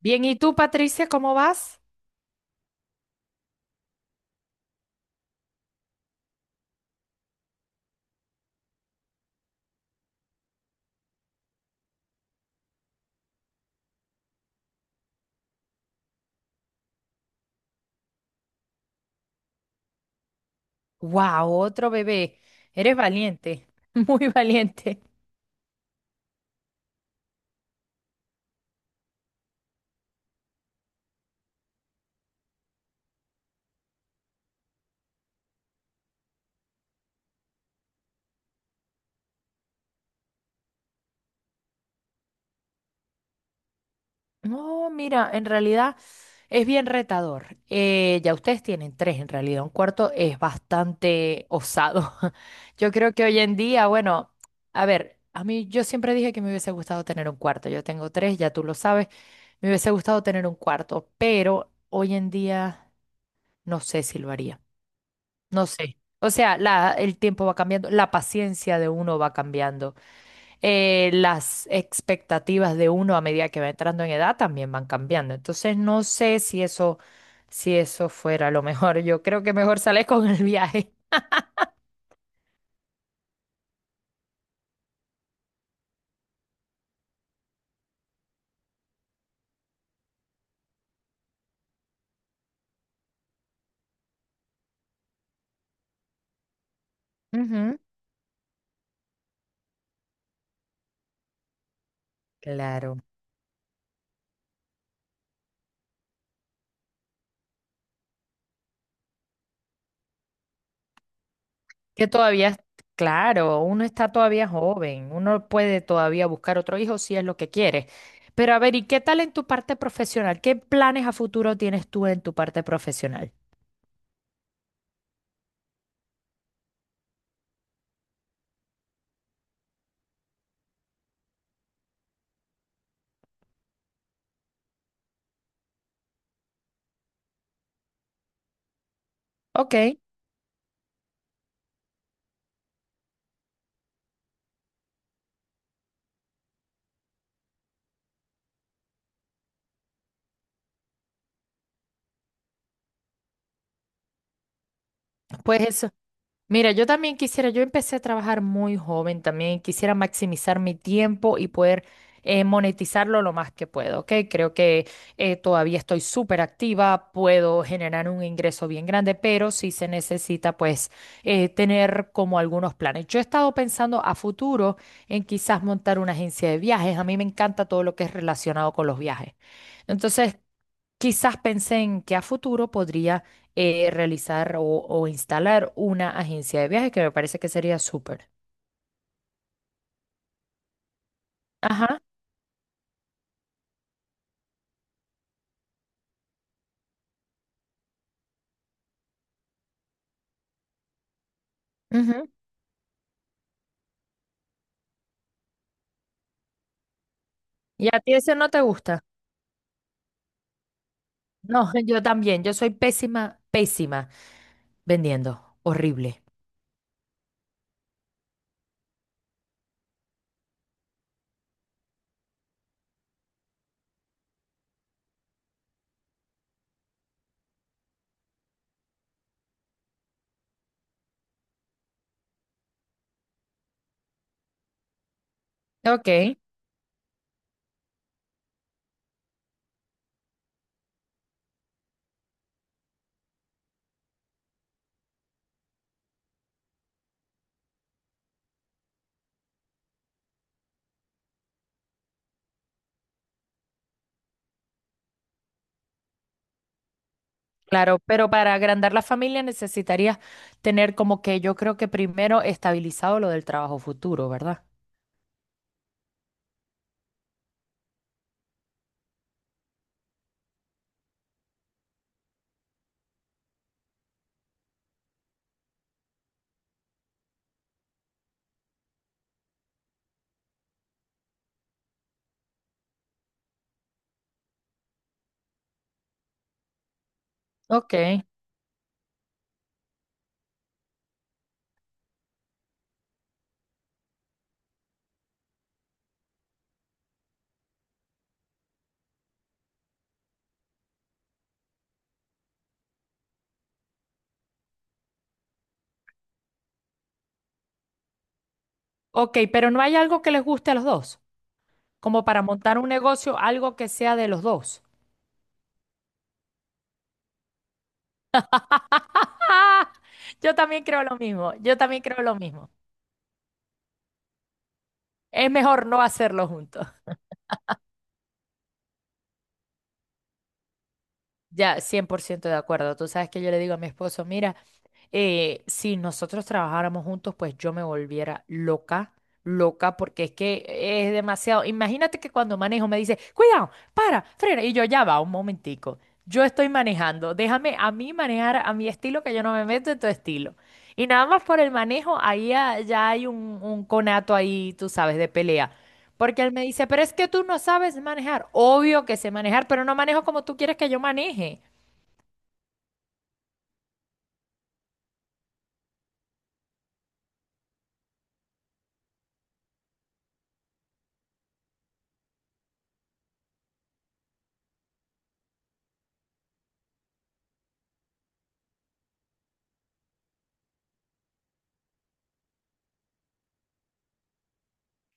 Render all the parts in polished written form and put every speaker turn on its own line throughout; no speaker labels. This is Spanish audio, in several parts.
Bien, ¿y tú, Patricia, cómo vas? ¡Wow! Otro bebé. Eres valiente, muy valiente. No, mira, en realidad es bien retador. Ya ustedes tienen tres, en realidad. Un cuarto es bastante osado. Yo creo que hoy en día, bueno, a ver, a mí yo siempre dije que me hubiese gustado tener un cuarto. Yo tengo tres, ya tú lo sabes. Me hubiese gustado tener un cuarto, pero hoy en día no sé si lo haría. No sé. O sea, el tiempo va cambiando, la paciencia de uno va cambiando, las expectativas de uno a medida que va entrando en edad también van cambiando. Entonces, no sé si eso fuera lo mejor. Yo creo que mejor sales con el viaje. Ujú. Claro. Que todavía, es- claro, uno está todavía joven, uno puede todavía buscar otro hijo si es lo que quiere. Pero a ver, ¿y qué tal en tu parte profesional? ¿Qué planes a futuro tienes tú en tu parte profesional? Ok, pues eso. Mira, yo también quisiera, yo empecé a trabajar muy joven también, quisiera maximizar mi tiempo y poder monetizarlo lo más que puedo, ¿ok? Creo que todavía estoy súper activa, puedo generar un ingreso bien grande, pero sí se necesita pues tener como algunos planes. Yo he estado pensando a futuro en quizás montar una agencia de viajes, a mí me encanta todo lo que es relacionado con los viajes. Entonces. Quizás pensé en que a futuro podría realizar o instalar una agencia de viajes que me parece que sería súper. Ajá. Ujú. ¿Y a ti eso no te gusta? No, yo también. Yo soy pésima, pésima vendiendo. Horrible. Ok, claro, pero para agrandar la familia necesitaría tener como que yo creo que primero estabilizado lo del trabajo futuro, ¿verdad? Ok, ok, pero ¿no hay algo que les guste a los dos? Como para montar un negocio, algo que sea de los dos. Ah, Yo también creo lo mismo, yo también creo lo mismo. Es mejor no hacerlo juntos. Ya, 100% de acuerdo. Tú sabes que yo le digo a mi esposo, mira, si nosotros trabajáramos juntos, pues yo me volviera loca, loca, porque es que es demasiado. Imagínate que cuando manejo me dice, cuidado, para, frena, y yo ya va, un momentico. Yo estoy manejando, déjame a mí manejar a mi estilo, que yo no me meto en tu estilo. Y nada más por el manejo, ahí ya hay un conato ahí, tú sabes, de pelea. Porque él me dice, pero es que tú no sabes manejar. Obvio que sé manejar, pero no manejo como tú quieres que yo maneje.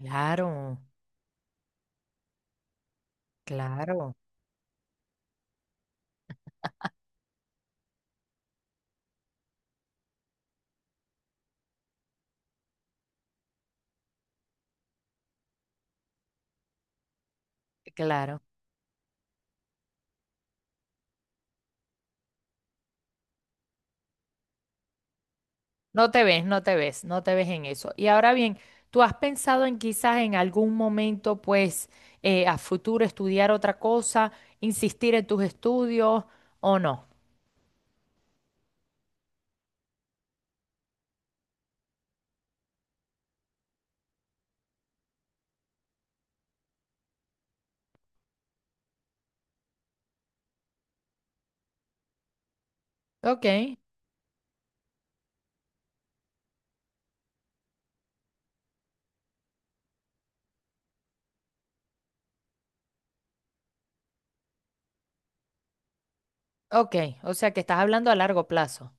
Claro, claro, claro. No te ves, no te ves, no te ves en eso. Y ahora bien, ¿tú has pensado en quizás en algún momento, pues, a futuro estudiar otra cosa, insistir en tus estudios o no? Ok, ok, o sea que estás hablando a largo plazo.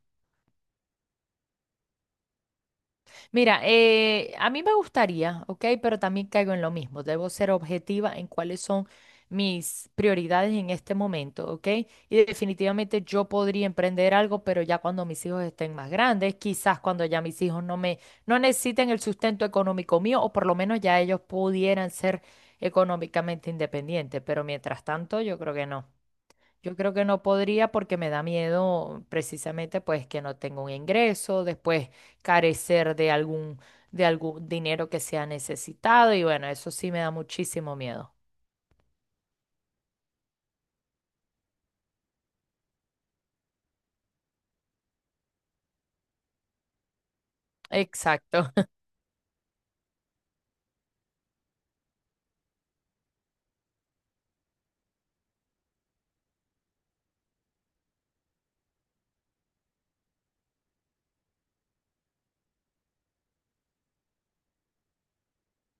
Mira, a mí me gustaría, ¿ok? Pero también caigo en lo mismo. Debo ser objetiva en cuáles son mis prioridades en este momento, ¿ok? Y definitivamente yo podría emprender algo, pero ya cuando mis hijos estén más grandes, quizás cuando ya mis hijos no necesiten el sustento económico mío, o por lo menos ya ellos pudieran ser económicamente independientes. Pero mientras tanto, yo creo que no. Yo creo que no podría porque me da miedo precisamente pues que no tenga un ingreso, después carecer de algún dinero que sea necesitado y bueno, eso sí me da muchísimo miedo. Exacto.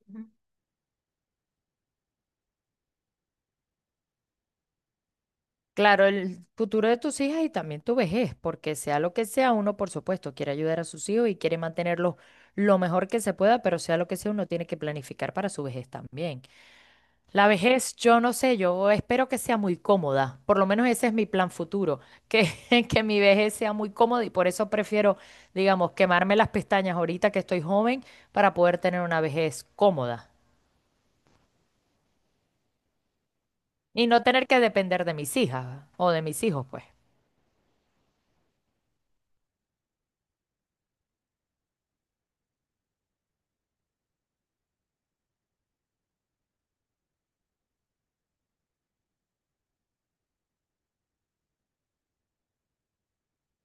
Ujú. Claro, el futuro de tus hijas y también tu vejez, porque sea lo que sea, uno por supuesto quiere ayudar a sus hijos y quiere mantenerlos lo mejor que se pueda, pero sea lo que sea, uno tiene que planificar para su vejez también. La vejez, yo no sé, yo espero que sea muy cómoda, por lo menos ese es mi plan futuro, que, que mi vejez sea muy cómoda y por eso prefiero, digamos, quemarme las pestañas ahorita que estoy joven para poder tener una vejez cómoda y no tener que depender de mis hijas o de mis hijos, pues.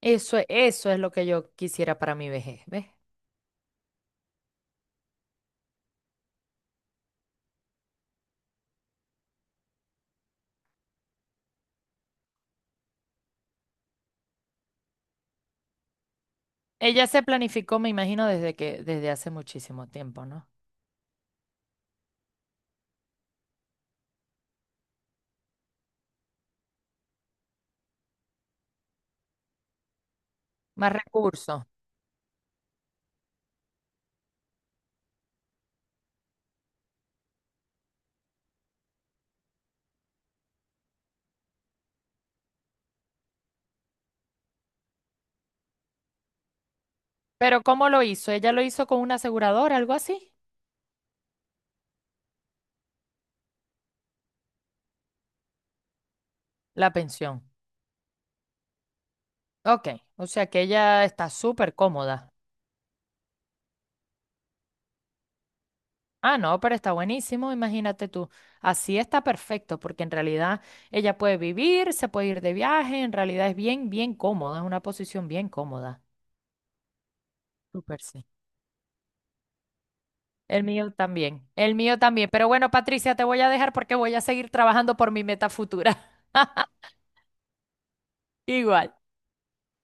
Eso, eso es lo que yo quisiera para mi vejez, ¿ves? Ella se planificó, me imagino, desde hace muchísimo tiempo, ¿no? Más recursos. Pero ¿cómo lo hizo? ¿Ella lo hizo con una aseguradora, algo así? La pensión. Ok, o sea que ella está súper cómoda. Ah, no, pero está buenísimo, imagínate tú. Así está perfecto, porque en realidad ella puede vivir, se puede ir de viaje, en realidad es bien, bien cómoda, es una posición bien cómoda. Súper, sí. El mío también, el mío también. Pero bueno, Patricia, te voy a dejar porque voy a seguir trabajando por mi meta futura. Igual.